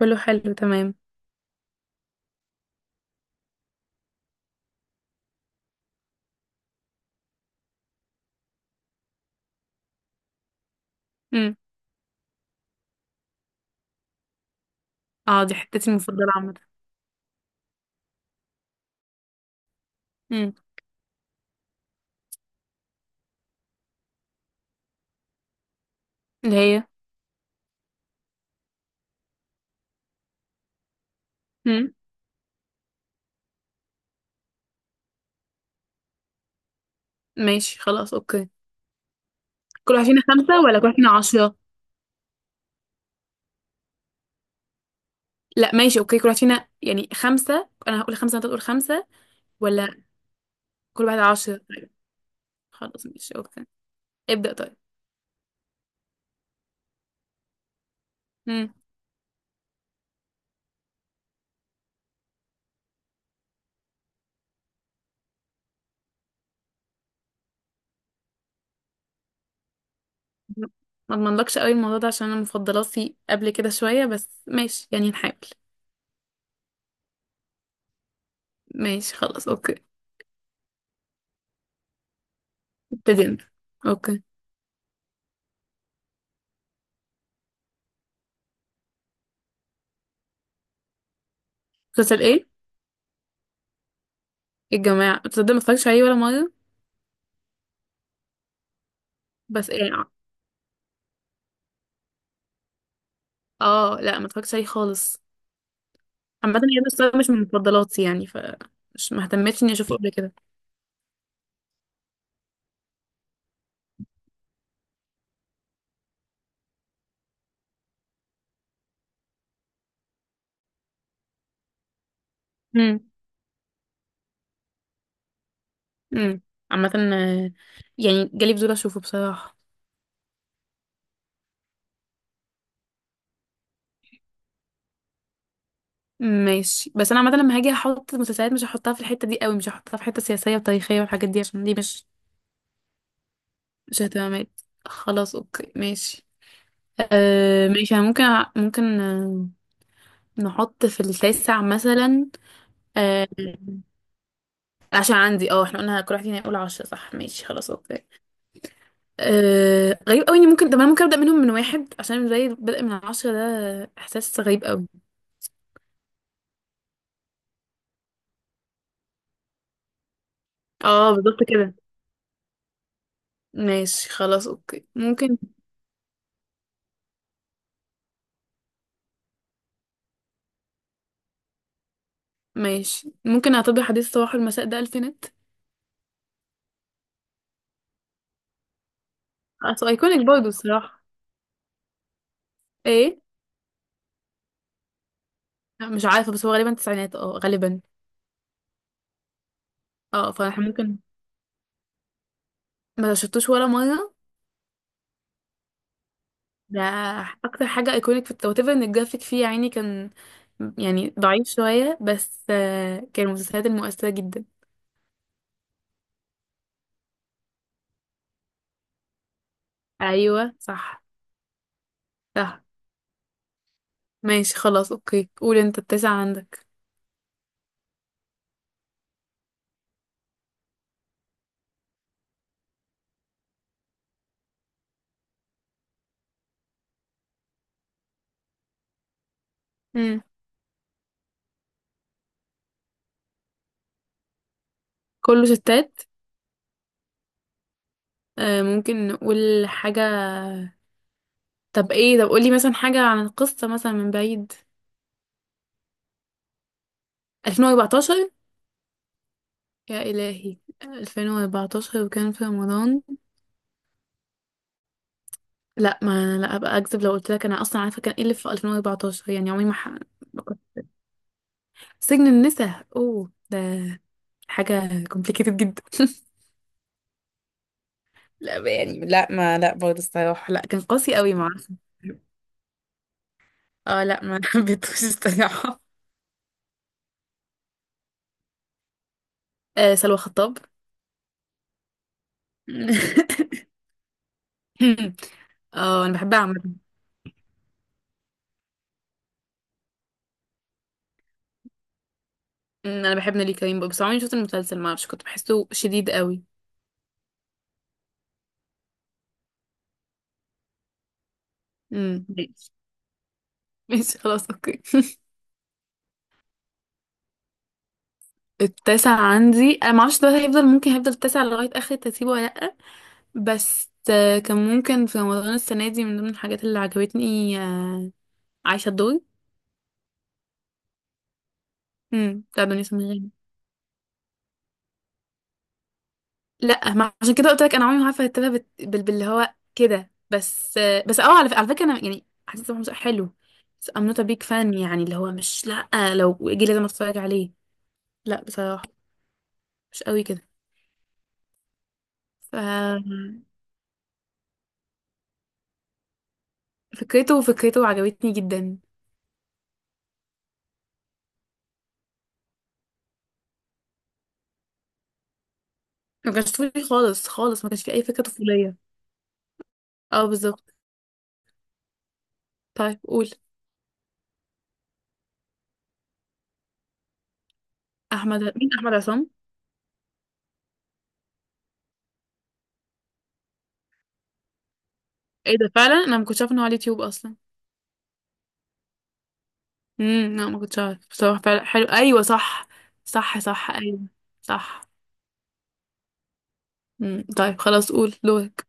كله حلو تمام. امم اه دي حتتي المفضلة عامة. امم اللي هي امم ماشي، خلاص، اوكي. كل واحد فينا خمسة ولا كل واحد فينا عشرة؟ لا ماشي اوكي، كل واحد فينا يعني خمسة، انا هقول خمسة وانت تقول خمسة، ولا كل واحد عشرة؟ طيب، خلاص ماشي اوكي. ابدأ طيب. امم ما اضمنلكش قوي الموضوع ده، عشان انا مفضلاتي قبل كده شوية، بس ماشي يعني نحاول. ماشي خلاص اوكي. ابتدينا. اوكي. مسلسل ايه؟ الجماعة، تصدق ما اتفرجتش عليه ولا مرة. بس ايه؟ اه لا ما اتفرجتش عليه خالص. عامة هي بس أنا مش من مفضلاتي يعني ف مش مهتمتش اني اشوفه قبل كده. امم امم عامة يعني جالي فضول اشوفه بصراحة. ماشي، بس انا عامة لما هاجي احط مسلسلات مش هحطها في الحتة دي قوي، مش هحطها في حتة سياسية وتاريخية والحاجات دي عشان دي مش اهتمامات. خلاص اوكي ماشي. أه ماشي، أنا ممكن، ممكن نحط في التاسع مثلا. أه عشان عندي اه، احنا قلنا كل واحد فينا يقول عشرة، صح؟ ماشي خلاص اوكي. غريب قوي اني ممكن، طب انا ممكن ابدا منهم من واحد، عشان زي البدء من عشرة ده احساس غريب قوي. اه بالظبط كده. ماشي خلاص اوكي ممكن. ماشي، ممكن اعتبر حديث صباح المساء ده الفينات، اصل ايكونيك برضه الصراحه. ايه؟ لا، مش عارفه، بس هو غالبا تسعينات اه غالبا. اه فاحنا ممكن، ما شفتوش ولا مره، ده اكتر حاجه ايكونيك في التوتيفر ان الجرافيك فيه يا عيني كان يعني ضعيف شويه، بس كان من المسلسلات المؤثره جدا. ايوه صح. صح ماشي خلاص اوكي، قول انت التاسع عندك. امم كله ستات. آه ممكن نقول حاجة. طب ايه، طب قولي مثلا حاجة عن القصة مثلا من بعيد. 2014. يا إلهي. 2014 وكان في رمضان. لا ما لا، ابقى اكذب لو قلت لك انا اصلا عارفة كان ايه اللي في 2014، يعني عمري ما ح... ما كنت- سجن النساء. اوه، ده حاجة complicated جدا. لا يعني لا برضه الصراحة، لا كان قاسي قوي ما اعرفش. اه لا ما حبيتهوش الصراحة. آه سلوى خطاب. اه انا بحبها عامة. أمم، انا بحب نيلي كريم بقى، بس عمري ما شفت المسلسل، ما اعرفش كنت بحسه شديد قوي. ماشي. ماشي خلاص اوكي. التاسع عندي، انا ما اعرفش ده هيفضل، ممكن هيفضل التاسع لغاية اخر ترتيبه ولا لا. بس كان ممكن في رمضان السنة دي من ضمن الحاجات اللي عجبتني، عايشة الدور. بتاع دنيا سمير غانم. لا ما عشان كده قلت لك انا عمري ما عارفه ارتبها باللي هو كده، بس بس اه على، على فكره انا يعني حسيت ان حلو. بس I'm not a big fan، يعني اللي هو مش لا، لو جه لازم اتفرج عليه. لا بصراحه مش قوي كده. ف فكرته عجبتني جدا. ما كانش طفولي خالص خالص، ما كانش في اي فكره طفوليه. اه بالظبط. طيب قول. احمد مين؟ احمد عصام؟ ايه ده، فعلا انا ما كنتش عارفه انه على اليوتيوب اصلا. لا ما كنتش عارف بصراحه، فعلا حلو ايوه صح. صح صح ايوه. صح. مم. طيب خلاص قول دورك.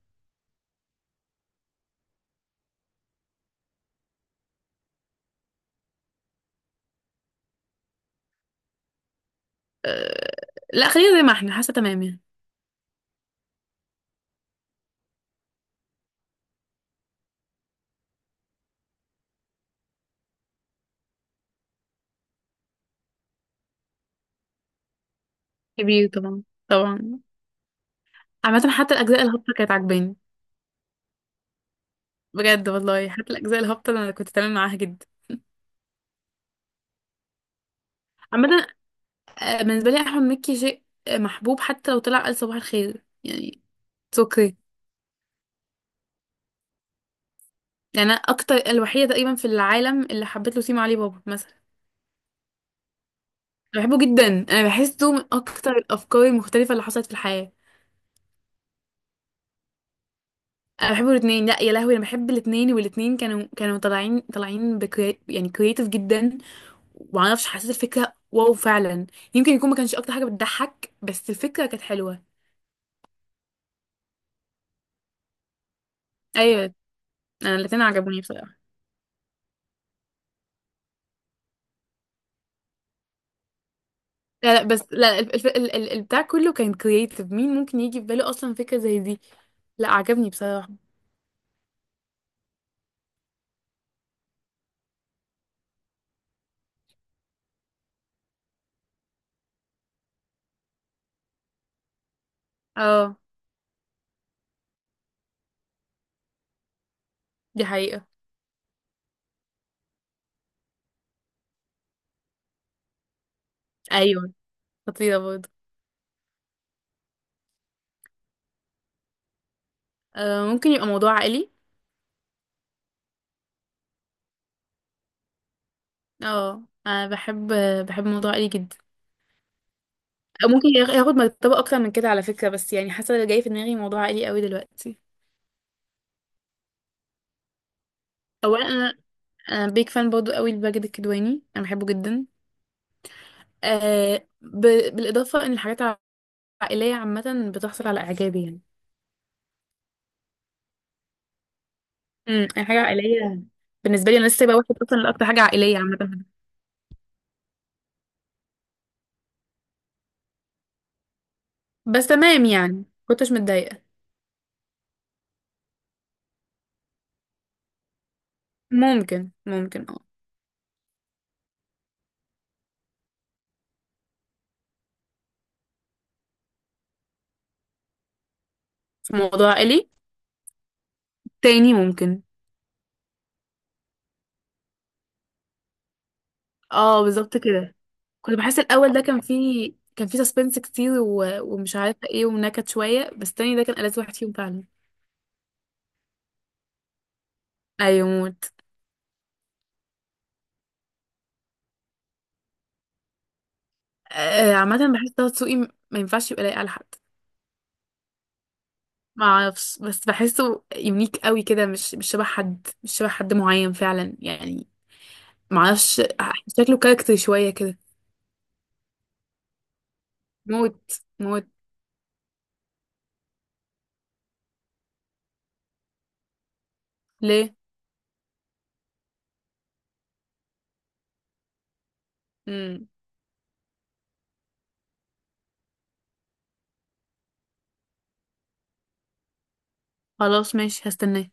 أه... لا خلينا زي ما احنا، حاسه تمام يعني. كبير طبعا طبعا. عامه حتى الاجزاء الهابطه كانت عجباني. بجد والله، حتى الاجزاء الهابطه انا كنت تمام معاها جدا. عامه، بالنسبه لي احمد مكي شيء محبوب، حتى لو طلع قال صباح الخير يعني، اتس اوكي. يعني انا اكتر الوحيده تقريبا في العالم اللي حبيت له سيما علي بابا مثلا. أنا بحبه جدا، انا بحسه من اكتر الافكار المختلفه اللي حصلت في الحياه. انا بحب الاثنين، لا يا لهوي انا بحب الاثنين، والاثنين كانوا طالعين يعني كرييتيف جدا، ومعرفش حسيت الفكره واو فعلا. يمكن يكون ما كانش اكتر حاجه بتضحك، بس الفكره كانت حلوه. ايوه. انا الاثنين عجبوني بصراحه. لا لا بس لا الف... ال... ال... ال- البتاع كله كان كرييتيف، مين ممكن يجي في باله اصلا فكره زي دي؟ لا عجبني بصراحه. اه دي حقيقه. ايوه خطيره برضه. آه ممكن يبقى موضوع عائلي. اه انا بحب، بحب موضوع عائلي جدا. ممكن ياخد مرتبة أكتر من كده على فكرة، بس يعني حاسة اللي جاي في دماغي موضوع عائلي قوي دلوقتي. أولا أنا، أنا بيك فان برضو قوي لماجد الكدواني، أنا بحبه جدا. آه ب... بالإضافة إن الحاجات العائلية عامة بتحصل على إعجابي يعني. أي حاجة عائلية بالنسبة لي، أنا لسه سايبة واحد أصلا لأكتر حاجة عائلية عامة. بس تمام يعني كنتش متضايقة. ممكن ممكن اه. في موضوع عائلي، تاني ممكن. اه بالظبط كده. كنت بحس الاول ده كان فيه، كان فيه سسبنس كتير ومش عارفه ايه، ونكت شويه، بس التاني ده كان ألذ واحد فيهم فعلا. ايوه موت. آه عامه بحس طه دسوقي ما ينفعش يبقى لايق على حد. ما اعرفش، بس بحسه يونيك قوي كده، مش شبه حد، مش شبه حد معين فعلا يعني. ما اعرفش، شكله كاركتر شويه كده. موت. موت. ليه؟ امم خلاص ماشي هستناه.